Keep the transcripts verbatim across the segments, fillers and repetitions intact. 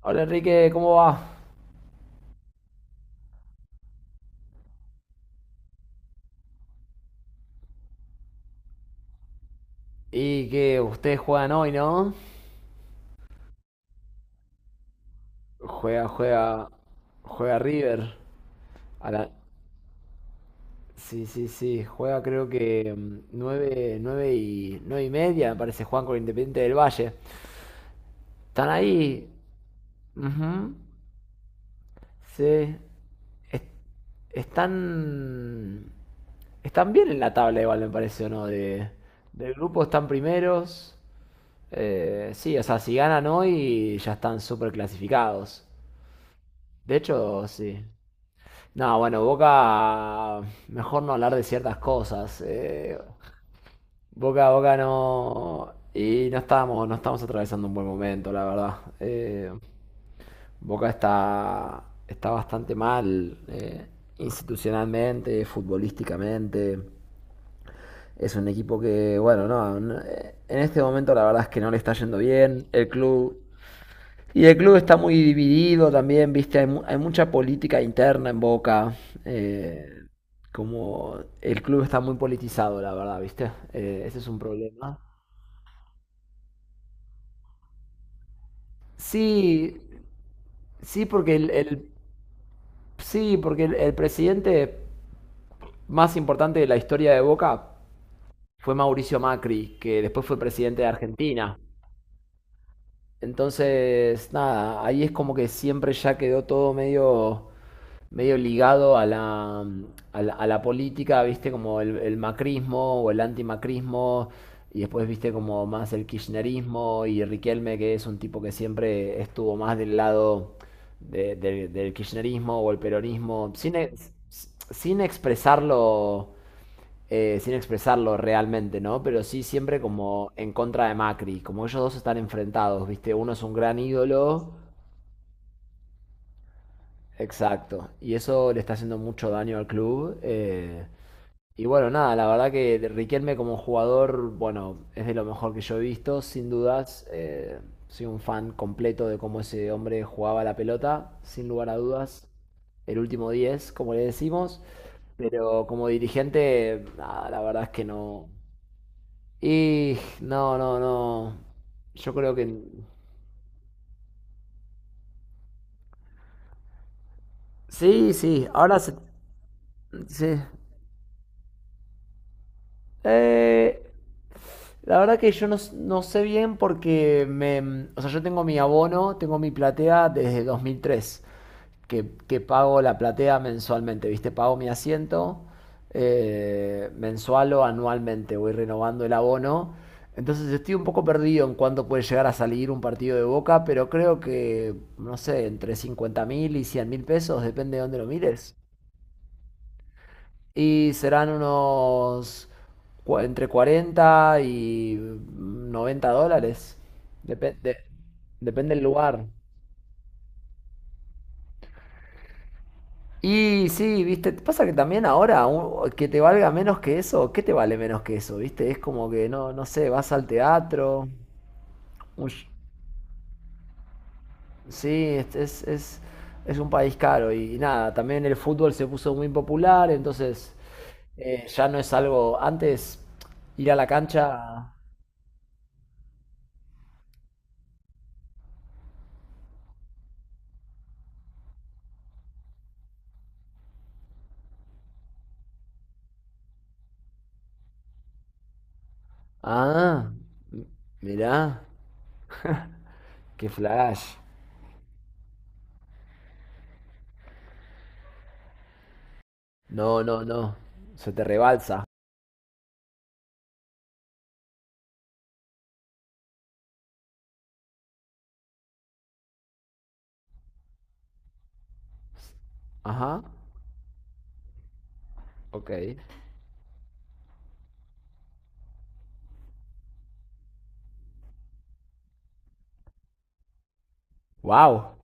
Hola Enrique, ¿cómo va? Y que ustedes juegan hoy, ¿no? Juega, juega, juega River. A la... Sí, sí, sí, juega creo que mm, nueve, nueve y, nueve y media, me parece, juegan con Independiente del Valle. Están ahí. Ujú. Sí. Es- están, están bien en la tabla igual, me parece, ¿o no? De, del grupo están primeros. Eh, sí, o sea, si ganan hoy ya están súper clasificados. De hecho, sí. No, bueno, Boca, mejor no hablar de ciertas cosas. eh, Boca, Boca no. Y no estábamos, no estamos atravesando un buen momento, la verdad. Eh, Boca está, está bastante mal eh, institucionalmente, futbolísticamente. Es un equipo que, bueno, no, no, eh, en este momento la verdad es que no le está yendo bien. El club y el club está muy dividido también, viste, hay, mu- hay mucha política interna en Boca. eh, como el club está muy politizado, la verdad, viste. Eh, ese es un problema. Sí, sí, porque el, el- sí, porque el, el presidente más importante de la historia de Boca fue Mauricio Macri, que después fue presidente de Argentina. Entonces, nada, ahí es como que siempre ya quedó todo medio medio ligado a la, a la, a la política, viste, como el, el macrismo o el antimacrismo, y después viste como más el kirchnerismo y Riquelme, que es un tipo que siempre estuvo más del lado de- de- del kirchnerismo o el peronismo, sin, ex- sin expresarlo. eh, sin expresarlo realmente, ¿no? Pero sí siempre como en contra de Macri, como ellos dos están enfrentados, ¿viste? Uno es un gran ídolo. Exacto. Y eso le está haciendo mucho daño al club. eh, y bueno, nada, la verdad que Riquelme como jugador, bueno, es de lo mejor que yo he visto, sin dudas. eh, soy un fan completo de cómo ese hombre jugaba la pelota, sin lugar a dudas. El último diez, como le decimos. Pero como dirigente, nada, la verdad es que no. Y no, no, no. Yo creo que... Sí, sí, ahora se... Sí. Eh, la verdad que yo no, s- no sé bien porque me, o sea, yo tengo mi abono, tengo mi platea desde dos mil tres que, que pago la platea mensualmente, ¿viste? Pago mi asiento eh, mensual o anualmente, voy renovando el abono. Entonces estoy un poco perdido en cuánto puede llegar a salir un partido de Boca, pero creo que, no sé, entre cincuenta mil y cien mil pesos, depende de dónde lo mires. Y serán unos cua- entre cuarenta y noventa dólares. Depende, depende del lugar. Y sí, viste, pasa que también ahora un- que te valga menos que eso, ¿qué te vale menos que eso? Viste, es como que no, no sé, vas al teatro. un sh- sí, es, es, es, es un país caro y, nada, también el fútbol se puso muy popular, entonces eh, ya no es algo, antes ir a la cancha. Ah, m- mirá, qué flash. No, no, no. Se te rebalsa. Ajá, ok. Wow,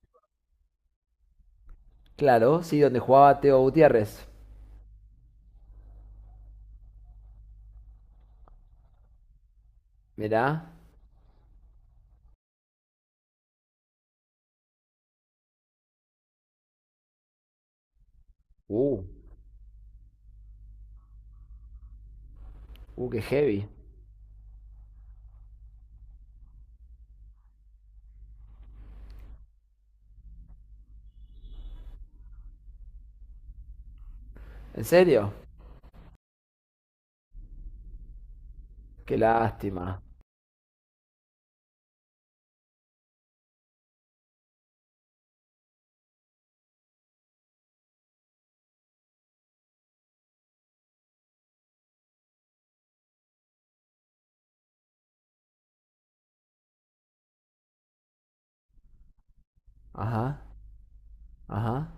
claro, sí, donde jugaba Teo Gutiérrez. Mirá. Uh, uh, qué heavy. ¿En serio? Qué lástima. Ajá, ajá.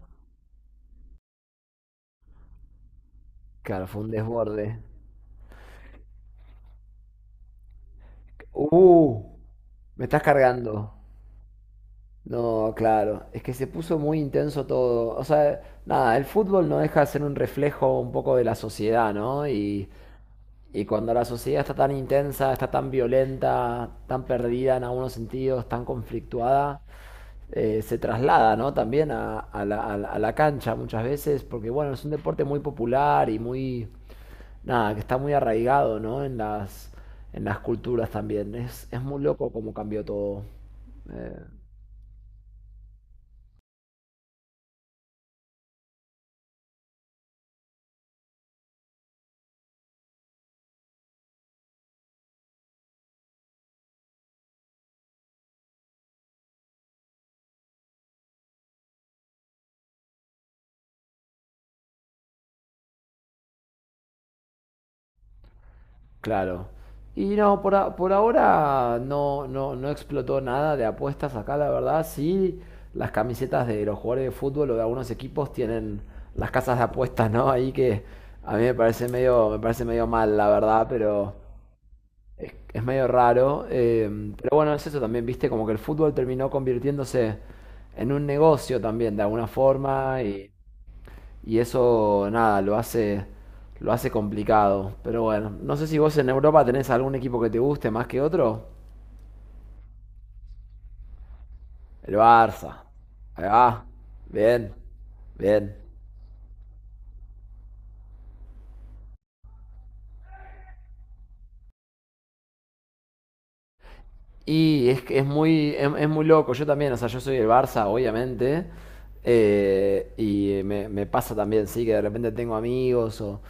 Claro, fue un desborde. Uh, me estás cargando. No, claro, es que se puso muy intenso todo. O sea, nada, el fútbol no deja de ser un reflejo un poco de la sociedad, ¿no? Y Y cuando la sociedad está tan intensa, está tan violenta, tan perdida en algunos sentidos, tan conflictuada, eh, se traslada, ¿no? también a, a la, a la cancha muchas veces, porque bueno, es un deporte muy popular y muy, nada, que está muy arraigado, ¿no? en las, en las culturas también. Es, es muy loco cómo cambió todo. Eh, Claro. Y no, por, a- por ahora no, no, no explotó nada de apuestas acá, la verdad. Sí, las camisetas de los jugadores de fútbol o de algunos equipos tienen las casas de apuestas, ¿no? Ahí que a mí me parece medio, me parece medio mal, la verdad, pero es, es medio raro. eh, pero bueno, es eso también, viste, como que el fútbol terminó convirtiéndose en un negocio también, de alguna forma, y y eso, nada, lo hace, lo hace complicado. Pero bueno, no sé si vos en Europa tenés algún equipo que te guste más que otro. El Barça. Ahí va. Bien. Bien. Y es que es muy, es, es muy loco. Yo también, o sea, yo soy el Barça, obviamente. eh, y me, me pasa también, sí, que de repente tengo amigos o,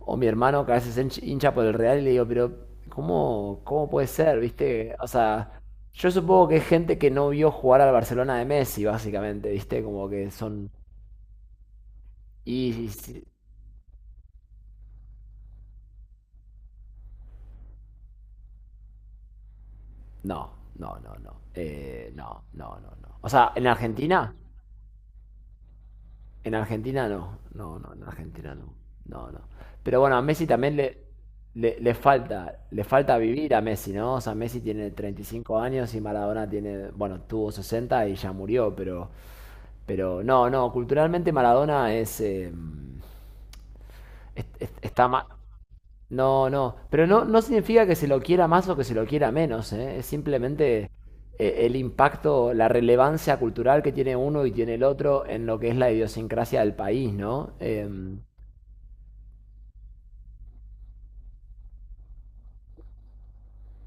O mi hermano que a veces es hincha por el Real y le digo, pero ¿cómo, cómo puede ser? ¿Viste? O sea, yo supongo que es gente que no vio jugar al Barcelona de Messi, básicamente, ¿viste? Como que son... Y... y- si, no, no, no, no. Eh, no, no, no, no. O sea, en Argentina, en Argentina no, no, no, en Argentina no, no, no. Pero bueno, a Messi también le, le, le falta, le falta vivir a Messi, ¿no? O sea, Messi tiene treinta y cinco años y Maradona tiene, bueno, tuvo sesenta y ya murió, pero, pero no, no, culturalmente Maradona es, eh, es- es- está más, no, no, pero no, no significa que se lo quiera más o que se lo quiera menos, ¿eh? Es simplemente eh, el impacto, la relevancia cultural que tiene uno y tiene el otro en lo que es la idiosincrasia del país, ¿no? Em,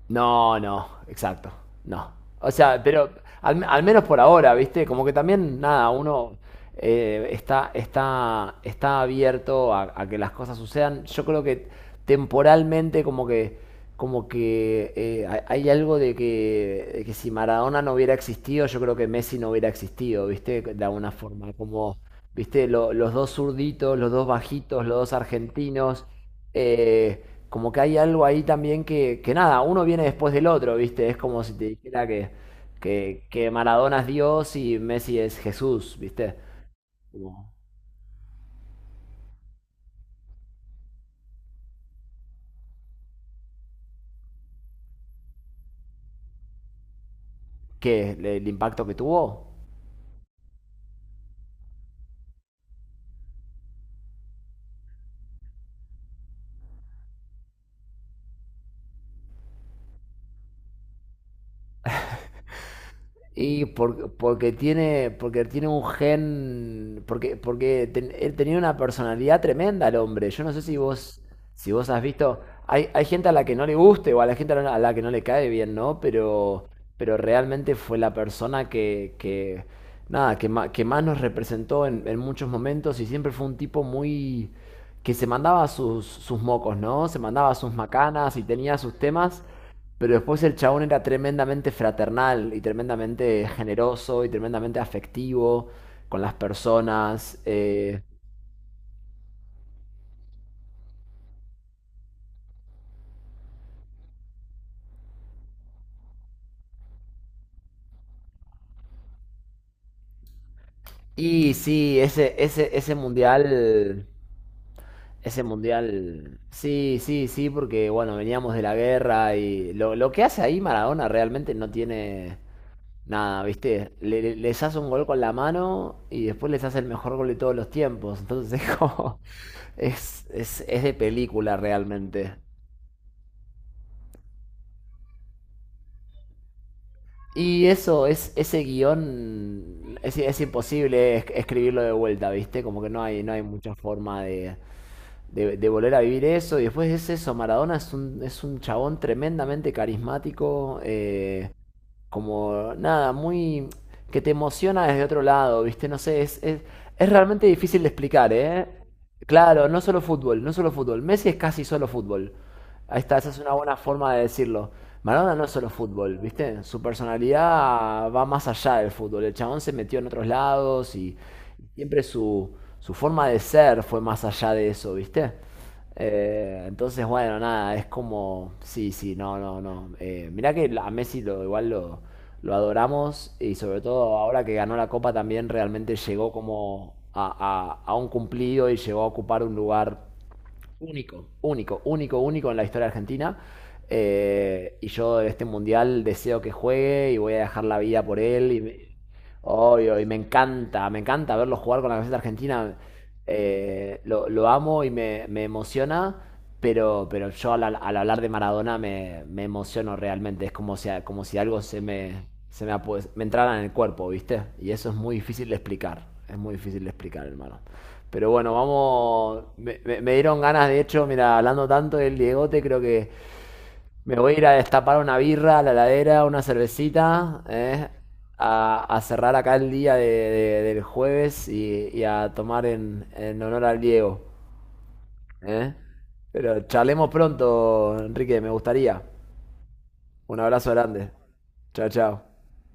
no, no, exacto, no. O sea, pero al, al menos por ahora, ¿viste? Como que también, nada, uno eh, está, está, está abierto a, a que las cosas sucedan. Yo creo que temporalmente como que, como que eh, hay hay algo de que, de que si Maradona no hubiera existido, yo creo que Messi no hubiera existido, ¿viste? De alguna forma, como, ¿viste? Lo- los dos zurditos, los dos bajitos, los dos argentinos, eh, como que hay algo ahí también que, que nada, uno viene después del otro, ¿viste? Es como si te dijera que, que, que Maradona es Dios y Messi es Jesús, ¿viste? Como, ¿qué? ¿El, el impacto que tuvo? Y por- porque tiene, porque tiene un gen, porque, porque ten- él tenía una personalidad tremenda el hombre. Yo no sé si vos, si vos has visto, hay, hay gente a la que no le guste o a la gente a la, a la que no le cae bien, ¿no? Pero, pero realmente fue la persona que, que nada, que, ma- que más nos representó en, en muchos momentos y siempre fue un tipo muy, que se mandaba sus, sus mocos, ¿no? Se mandaba sus macanas y tenía sus temas. Pero después el chabón era tremendamente fraternal y tremendamente generoso y tremendamente afectivo con las personas. eh, y sí, ese, ese, ese mundial, ese mundial, sí, sí, sí, porque bueno, veníamos de la guerra y lo, lo que hace ahí Maradona realmente no tiene nada, ¿viste? Le- le- les hace un gol con la mano y después les hace el mejor gol de todos los tiempos. Entonces es como, es, es, es de película realmente. Y eso, es, ese guión es, es imposible es- escribirlo de vuelta, ¿viste? Como que no hay, no hay mucha forma de, de- de volver a vivir eso. Y después es eso, Maradona es un, es un chabón tremendamente carismático, eh, como nada, muy... que te emociona desde otro lado, ¿viste? No sé, es, es, es realmente difícil de explicar, ¿eh? Claro, no solo fútbol, no solo fútbol. Messi es casi solo fútbol. Ahí está, esa es una buena forma de decirlo. Maradona no es solo fútbol, ¿viste? Su personalidad va más allá del fútbol. El chabón se metió en otros lados y, y siempre su, su forma de ser fue más allá de eso, ¿viste? Eh, entonces, bueno, nada, es como, sí, sí, no, no, no. Eh, mirá que a Messi lo, igual lo, lo adoramos y sobre todo ahora que ganó la Copa también realmente llegó como a, a- a un cumplido y llegó a ocupar un lugar único. Único, único, único en la historia argentina. Eh, y yo de este mundial deseo que juegue y voy a dejar la vida por él. Y me- Hoy, hoy, me encanta, me encanta verlo jugar con la camiseta argentina. Eh, lo, lo amo y me, me emociona, pero, pero yo al, al hablar de Maradona me, me emociono realmente. Es como si, como si algo se me, se me, apo- me entrara en el cuerpo, ¿viste? Y eso es muy difícil de explicar. Es muy difícil de explicar, hermano. Pero bueno, vamos. Me, me- me dieron ganas, de hecho, mira, hablando tanto del Diegote, creo que me voy a ir a destapar una birra a la heladera, una cervecita, ¿eh? A, a cerrar acá el día de- de- del jueves y, y a tomar en, en honor al Diego, ¿eh? Pero charlemos pronto, Enrique, me gustaría. Un abrazo grande. Chao, chao.